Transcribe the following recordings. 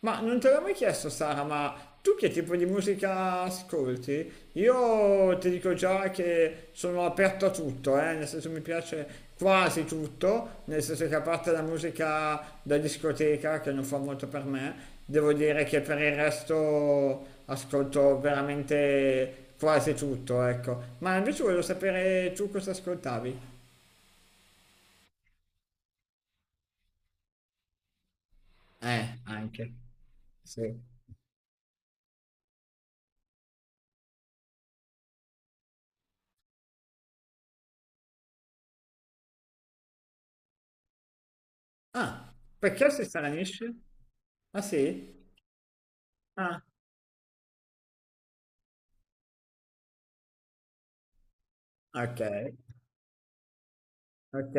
Ma non te l'ho mai chiesto, Sara, ma tu che tipo di musica ascolti? Io ti dico già che sono aperto a tutto, nel senso mi piace quasi tutto, nel senso che a parte la musica da discoteca, che non fa molto per me, devo dire che per il resto ascolto veramente quasi tutto, ecco. Ma invece voglio sapere tu cosa ascoltavi? Anche. Sì. Ah, perché si stranisce? Ah sì? Ah. Ok, ok,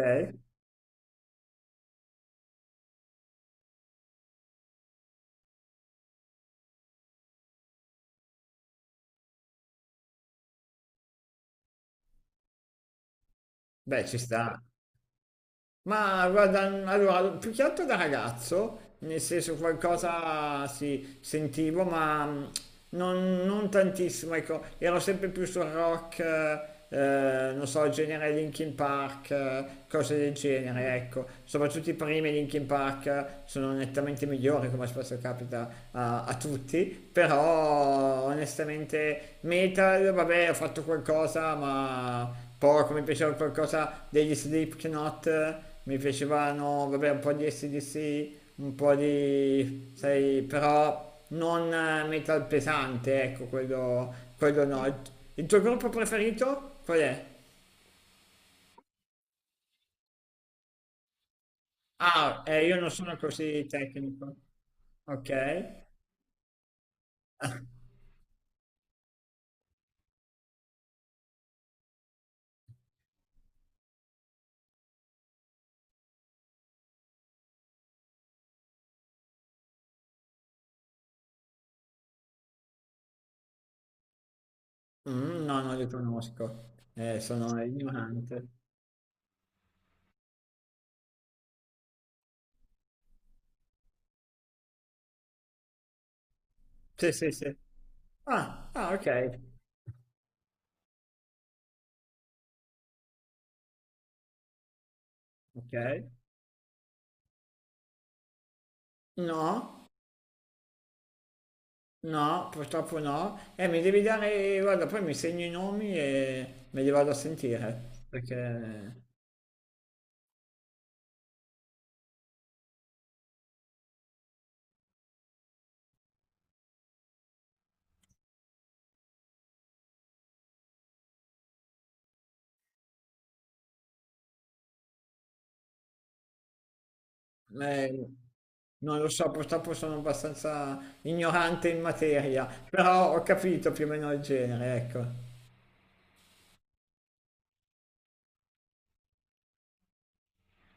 beh ci sta. Ma guarda, allora, più che altro da ragazzo, nel senso qualcosa sì, sentivo, ma non tantissimo, ecco, ero sempre più sul rock, non so, genere Linkin Park, cose del genere, ecco. Soprattutto i primi Linkin Park sono nettamente migliori, come spesso capita a tutti tutti, però onestamente Metal, vabbè, ho fatto qualcosa, ma poco, mi piaceva qualcosa degli Slipknot, mi piacevano, vabbè, un po' di SDC, un po' di, sai, però non metal pesante, ecco, quello no. Il tuo gruppo preferito qual è? Ah, io non sono così tecnico. Ok. Mm, no, non li conosco. Sono ignorante. Sì, sì, sì. Ah, ah, ok, ok. No, no, purtroppo no. Mi devi dare, guarda, poi mi segno i nomi e me li vado a sentire, perché eh, non lo so, purtroppo sono abbastanza ignorante in materia, però ho capito più o meno il genere, ecco.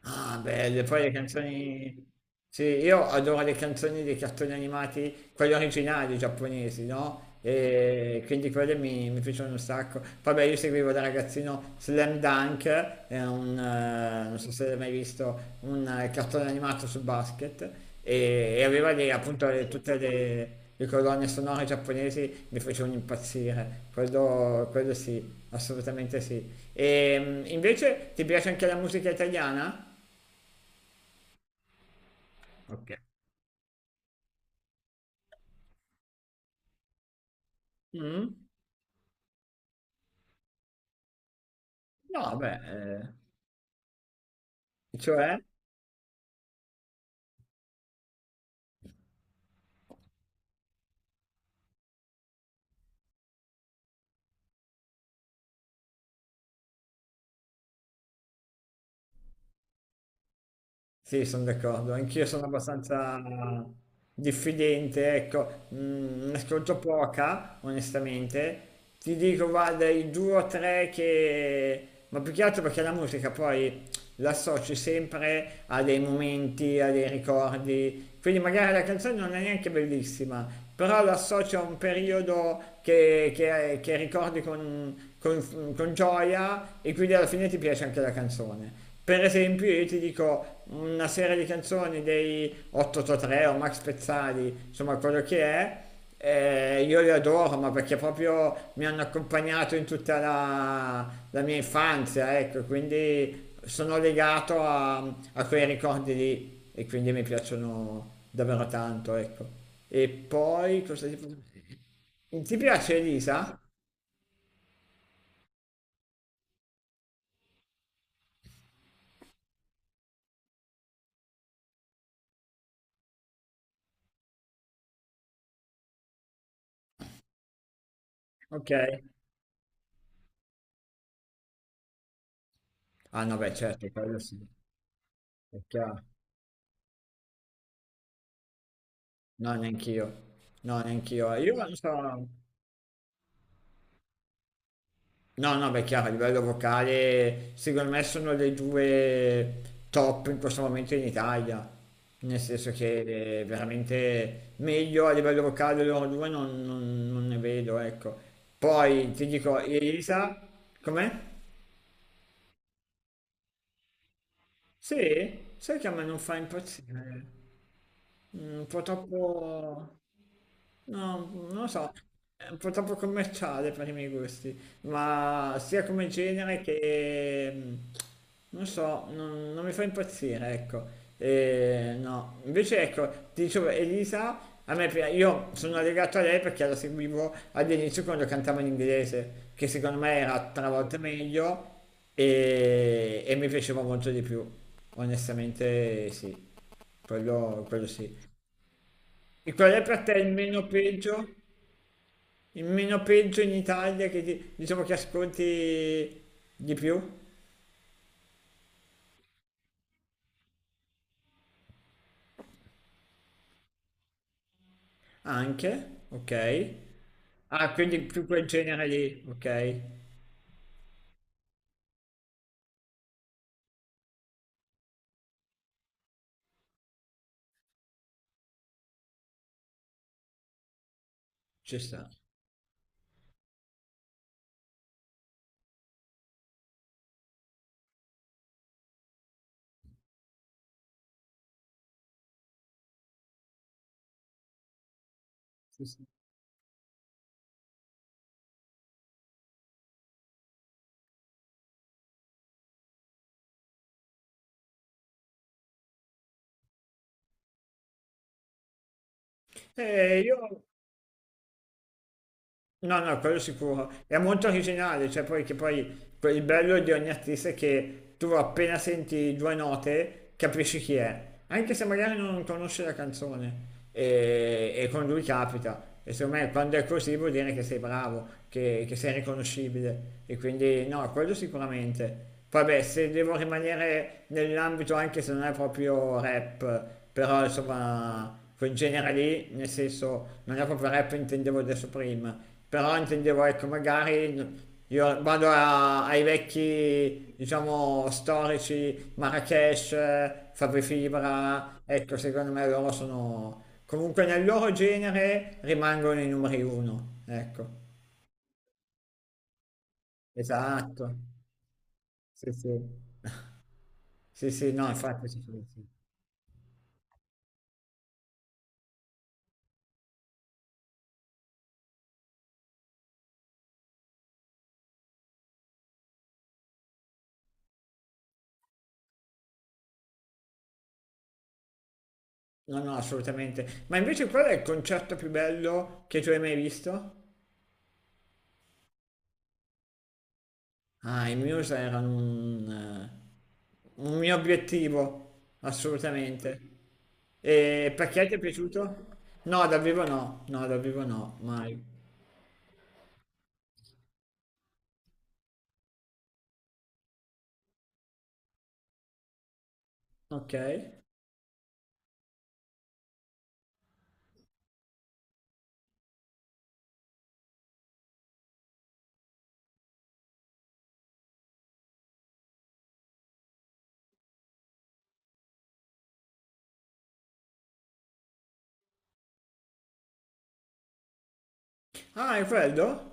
Ah, belle, poi le canzoni. Sì, io adoro le canzoni dei cartoni animati, quelli originali giapponesi, no? E quindi quelle mi piacciono un sacco. Poi beh, io seguivo da ragazzino Slam Dunk, è un, non so se l'hai mai visto, un cartone animato sul basket, e aveva appunto tutte le colonne sonore giapponesi, mi facevano impazzire, quello sì, assolutamente sì. E invece ti piace anche la musica italiana? Ok. Mm. No, beh, cioè, sì, sono d'accordo, anch'io sono abbastanza diffidente, ecco, ne ascolto poca, onestamente. Ti dico, guarda, i due o tre che... Ma più che altro perché la musica poi l'associ sempre a dei momenti, a dei ricordi. Quindi magari la canzone non è neanche bellissima, però l'associo a un periodo che ricordi con gioia e quindi alla fine ti piace anche la canzone. Per esempio, io ti dico una serie di canzoni dei 883 o Max Pezzali, insomma quello che è, io li adoro, ma perché proprio mi hanno accompagnato in tutta la mia infanzia, ecco, quindi sono legato a, a quei ricordi lì e quindi mi piacciono davvero tanto, ecco. E poi cosa ti posso dire? Ti piace Elisa? Ok. Ah no, beh, certo, quello sì, è chiaro. No, neanch'io. No, neanch'io. Io non so. No, no, beh, chiaro, a livello vocale, secondo me sono le due top in questo momento in Italia, nel senso che veramente meglio a livello vocale loro due non ne vedo, ecco. Poi ti dico, Elisa, com'è? Sì? Sai che a me non fa impazzire? Mm, un po' troppo... No, non lo so, è un po' troppo commerciale per i miei gusti, ma sia come genere che, non so, non mi fa impazzire, ecco. E, no, invece ecco, ti dicevo, Elisa, a me, io sono legato a lei perché la seguivo all'inizio quando cantava in inglese, che secondo me era tre volte meglio e mi piaceva molto di più. Onestamente sì, quello sì. E qual è per te il meno peggio? Il meno peggio in Italia che diciamo che ascolti di più? Anche, ok. Ah, quindi più quel genere lì, ok. Ci sta. Ci sta. Io no, no, quello sicuro. È molto originale, cioè poi che poi il bello di ogni artista è che tu appena senti due note capisci chi è, anche se magari non conosci la canzone e con lui capita. E secondo me quando è così vuol dire che sei bravo, che sei riconoscibile. E quindi no, quello sicuramente. Vabbè, se devo rimanere nell'ambito anche se non è proprio rap, però insomma, quel genere lì, nel senso, non è proprio rap, intendevo adesso prima, però intendevo, ecco, magari io ai vecchi, diciamo, storici, Marrakesh, Fabri Fibra, ecco, secondo me loro sono, comunque nel loro genere rimangono i numeri uno, ecco, esatto, sì, sì, sì, sì, no, infatti sì, sì. Sì. No, no, assolutamente. Ma invece qual è il concerto più bello che tu hai mai visto? Ah, i Muse erano un mio obiettivo, assolutamente. E perché ti è piaciuto? No, dal vivo no, no, dal vivo no, mai. Ok. Ah, è quello?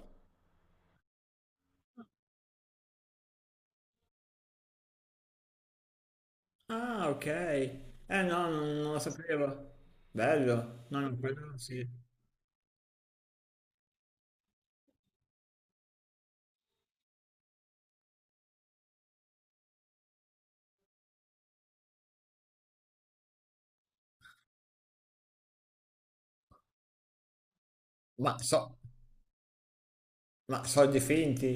Ah, ok. Eh no, non lo sapevo. Bello. No, no, quello sì. Ma so, ma so di finti.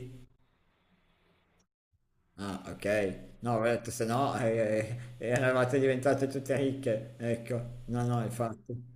Ah, ok. No, ho detto, se no eravate diventate tutte ricche. Ecco, no, no, infatti.